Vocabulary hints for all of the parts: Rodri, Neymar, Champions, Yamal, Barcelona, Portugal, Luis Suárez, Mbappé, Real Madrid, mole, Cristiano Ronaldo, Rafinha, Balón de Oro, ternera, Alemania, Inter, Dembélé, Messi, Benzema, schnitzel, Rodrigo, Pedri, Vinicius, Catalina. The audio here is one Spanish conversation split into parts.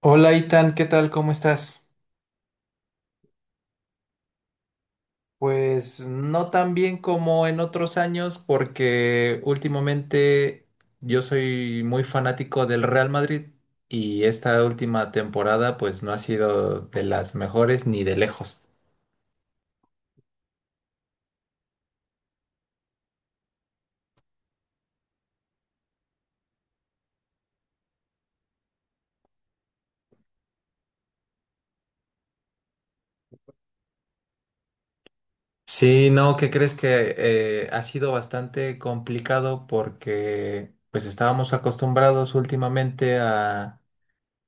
Hola Itan, ¿qué tal? ¿Cómo estás? Pues no tan bien como en otros años porque últimamente yo soy muy fanático del Real Madrid y esta última temporada pues no ha sido de las mejores ni de lejos. Sí, no, ¿qué crees que ha sido bastante complicado porque pues estábamos acostumbrados últimamente a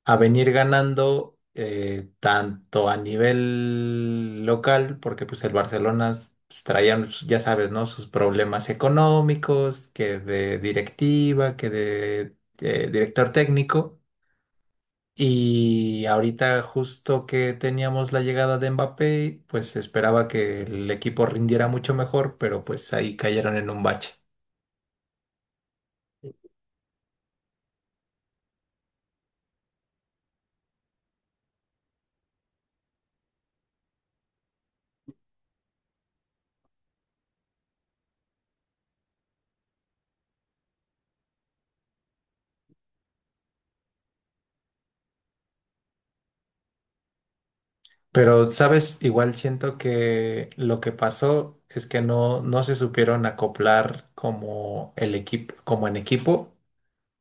a venir ganando tanto a nivel local, porque pues el Barcelona pues, traían, ya sabes, ¿no? Sus problemas económicos, que de directiva, que de director técnico. Y ahorita justo que teníamos la llegada de Mbappé, pues se esperaba que el equipo rindiera mucho mejor, pero pues ahí cayeron en un bache. Pero, ¿sabes? Igual siento que lo que pasó es que no se supieron acoplar como el equipo, como en equipo,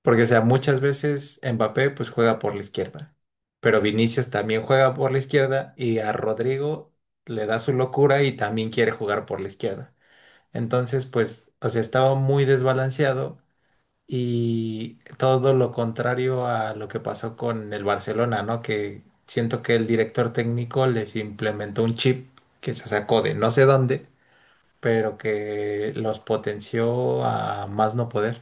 porque, o sea, muchas veces Mbappé pues juega por la izquierda, pero Vinicius también juega por la izquierda y a Rodrigo le da su locura y también quiere jugar por la izquierda. Entonces, pues, o sea, estaba muy desbalanceado y todo lo contrario a lo que pasó con el Barcelona, ¿no? Que siento que el director técnico les implementó un chip que se sacó de no sé dónde, pero que los potenció a más no poder.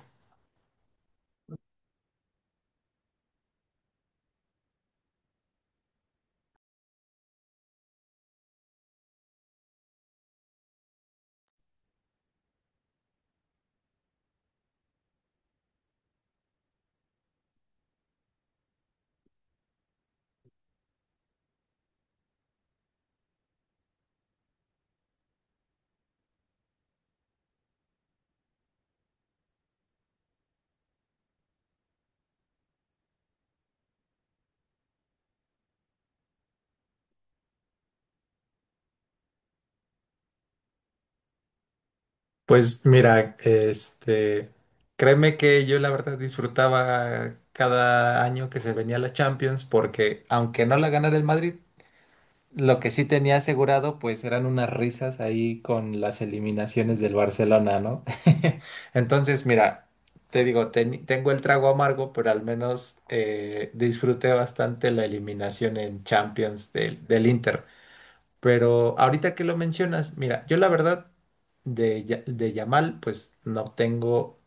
Pues mira, créeme que yo la verdad disfrutaba cada año que se venía la Champions porque aunque no la ganara el Madrid, lo que sí tenía asegurado, pues eran unas risas ahí con las eliminaciones del Barcelona, ¿no? Entonces, mira, te digo, tengo el trago amargo, pero al menos disfruté bastante la eliminación en Champions del Inter. Pero ahorita que lo mencionas, mira, yo la verdad de Yamal, pues no tengo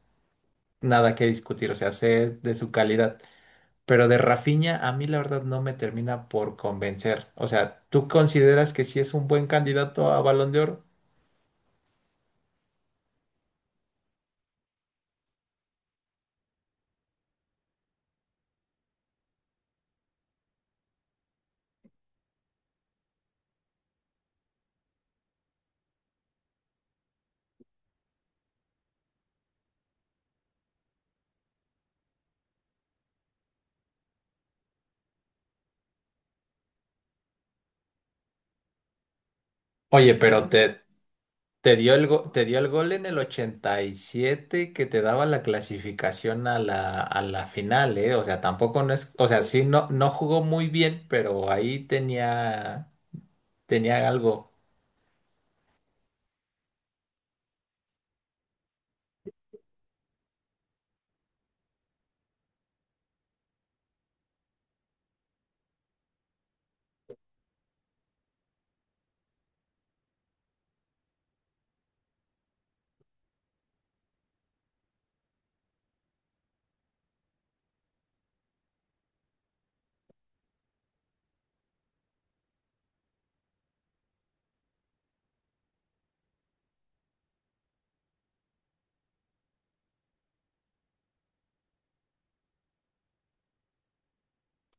nada que discutir, o sea, sé de su calidad. Pero de Rafinha a mí la verdad no me termina por convencer. O sea, ¿tú consideras que sí es un buen candidato a Balón de Oro? Oye, pero te dio el gol en el 87 que te daba la clasificación a la final, ¿eh? O sea, tampoco no es, o sea, sí no jugó muy bien, pero ahí tenía algo.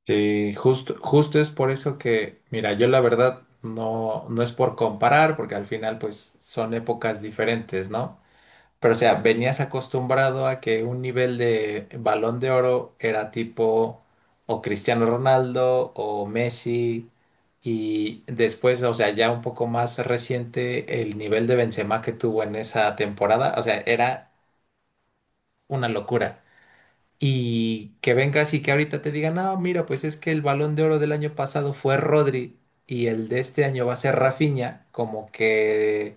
Sí, justo, justo es por eso que, mira, yo la verdad no es por comparar, porque al final pues son épocas diferentes, ¿no? Pero, o sea, venías acostumbrado a que un nivel de Balón de Oro era tipo o Cristiano Ronaldo o Messi y después, o sea, ya un poco más reciente el nivel de Benzema que tuvo en esa temporada, o sea, era una locura. Y que vengas y que ahorita te digan, no, mira, pues es que el Balón de Oro del año pasado fue Rodri y el de este año va a ser Rafinha, como que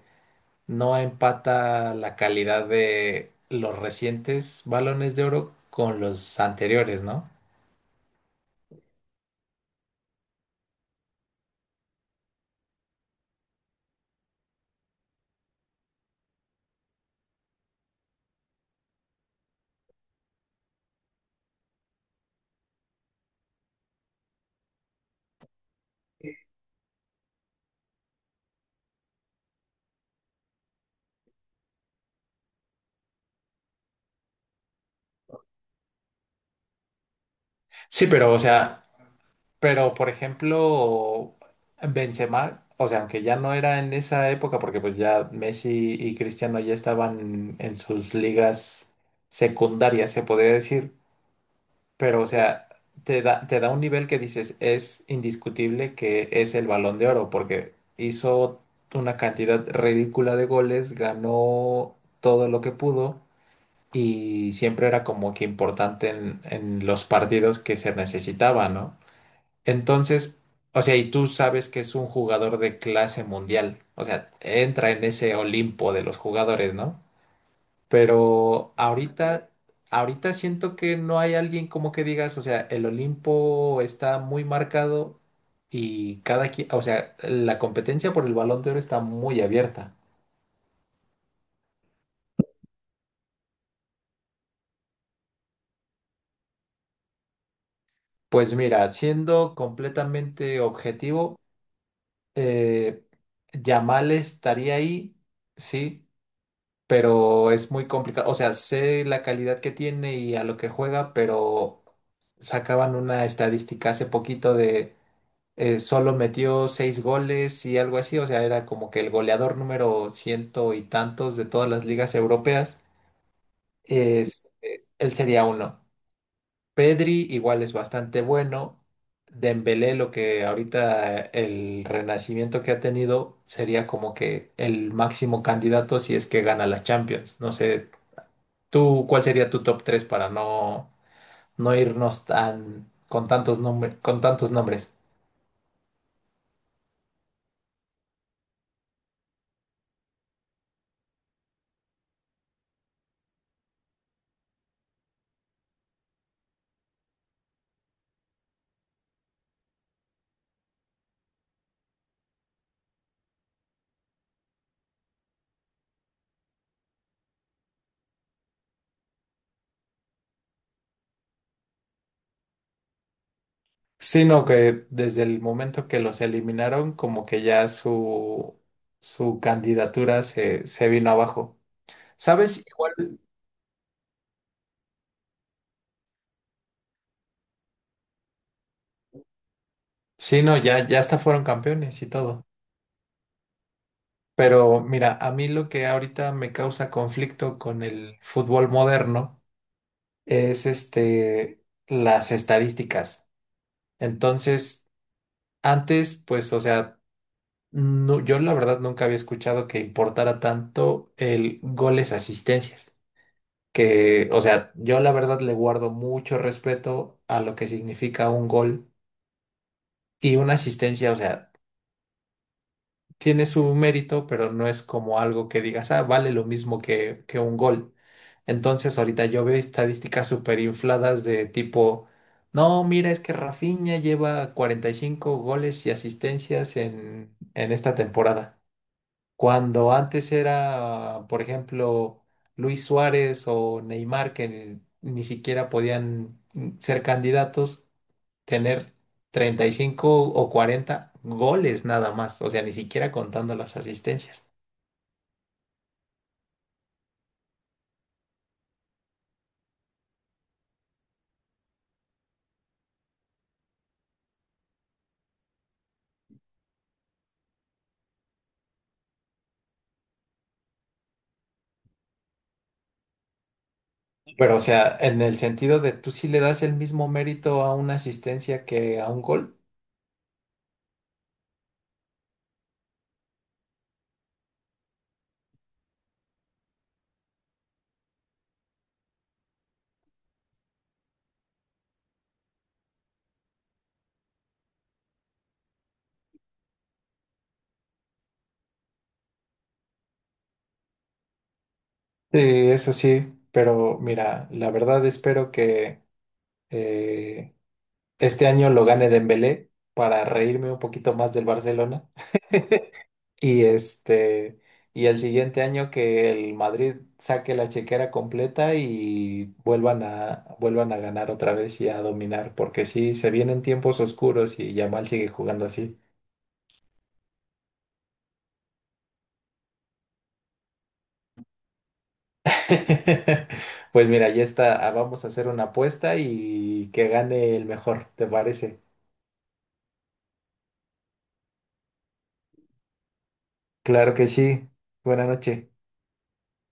no empata la calidad de los recientes balones de oro con los anteriores, ¿no? Sí, pero, o sea, pero por ejemplo, Benzema, o sea, aunque ya no era en esa época, porque pues ya Messi y Cristiano ya estaban en sus ligas secundarias, se podría decir. Pero, o sea, te da un nivel que dices, es indiscutible que es el Balón de Oro, porque hizo una cantidad ridícula de goles, ganó todo lo que pudo y siempre era como que importante en los partidos que se necesitaba, ¿no? Entonces, o sea, y tú sabes que es un jugador de clase mundial, o sea, entra en ese Olimpo de los jugadores, ¿no? Pero ahorita siento que no hay alguien como que digas, o sea, el Olimpo está muy marcado y cada quien, o sea, la competencia por el Balón de Oro está muy abierta. Pues mira, siendo completamente objetivo, eh, Yamal estaría ahí, sí, pero es muy complicado. O sea, sé la calidad que tiene y a lo que juega, pero sacaban una estadística hace poquito solo metió seis goles y algo así, o sea, era como que el goleador número ciento y tantos de todas las ligas europeas, él sería uno. Pedri igual es bastante bueno. Dembélé, lo que ahorita el renacimiento que ha tenido sería como que el máximo candidato si es que gana la Champions. No sé, tú, ¿cuál sería tu top 3 para no irnos tan con tantos nombres, con tantos nombres? Sino que desde el momento que los eliminaron, como que ya su candidatura se vino abajo. ¿Sabes? Igual. Sí, no, ya, ya hasta fueron campeones y todo. Pero mira, a mí lo que ahorita me causa conflicto con el fútbol moderno es las estadísticas. Entonces, antes, pues, o sea, no, yo la verdad nunca había escuchado que importara tanto el goles-asistencias. Que, o sea, yo la verdad le guardo mucho respeto a lo que significa un gol y una asistencia, o sea, tiene su mérito, pero no es como algo que digas, ah, vale lo mismo que un gol. Entonces, ahorita yo veo estadísticas súper infladas de tipo, no, mira, es que Rafinha lleva 45 goles y asistencias en esta temporada. Cuando antes era, por ejemplo, Luis Suárez o Neymar, que ni siquiera podían ser candidatos, tener 35 o 40 goles nada más, o sea, ni siquiera contando las asistencias. Pero, o sea, en el sentido de tú sí le das el mismo mérito a una asistencia que a un gol. Sí, eso sí, pero mira, la verdad espero que eh, este año lo gane Dembélé para reírme un poquito más del Barcelona. Y este, y el siguiente año que el Madrid saque la chequera completa y vuelvan a ganar otra vez y a dominar, porque sí, se vienen tiempos oscuros y Yamal sigue jugando así. Pues mira, ya está, ah, vamos a hacer una apuesta y que gane el mejor, ¿te parece? Claro que sí. Buenas noches.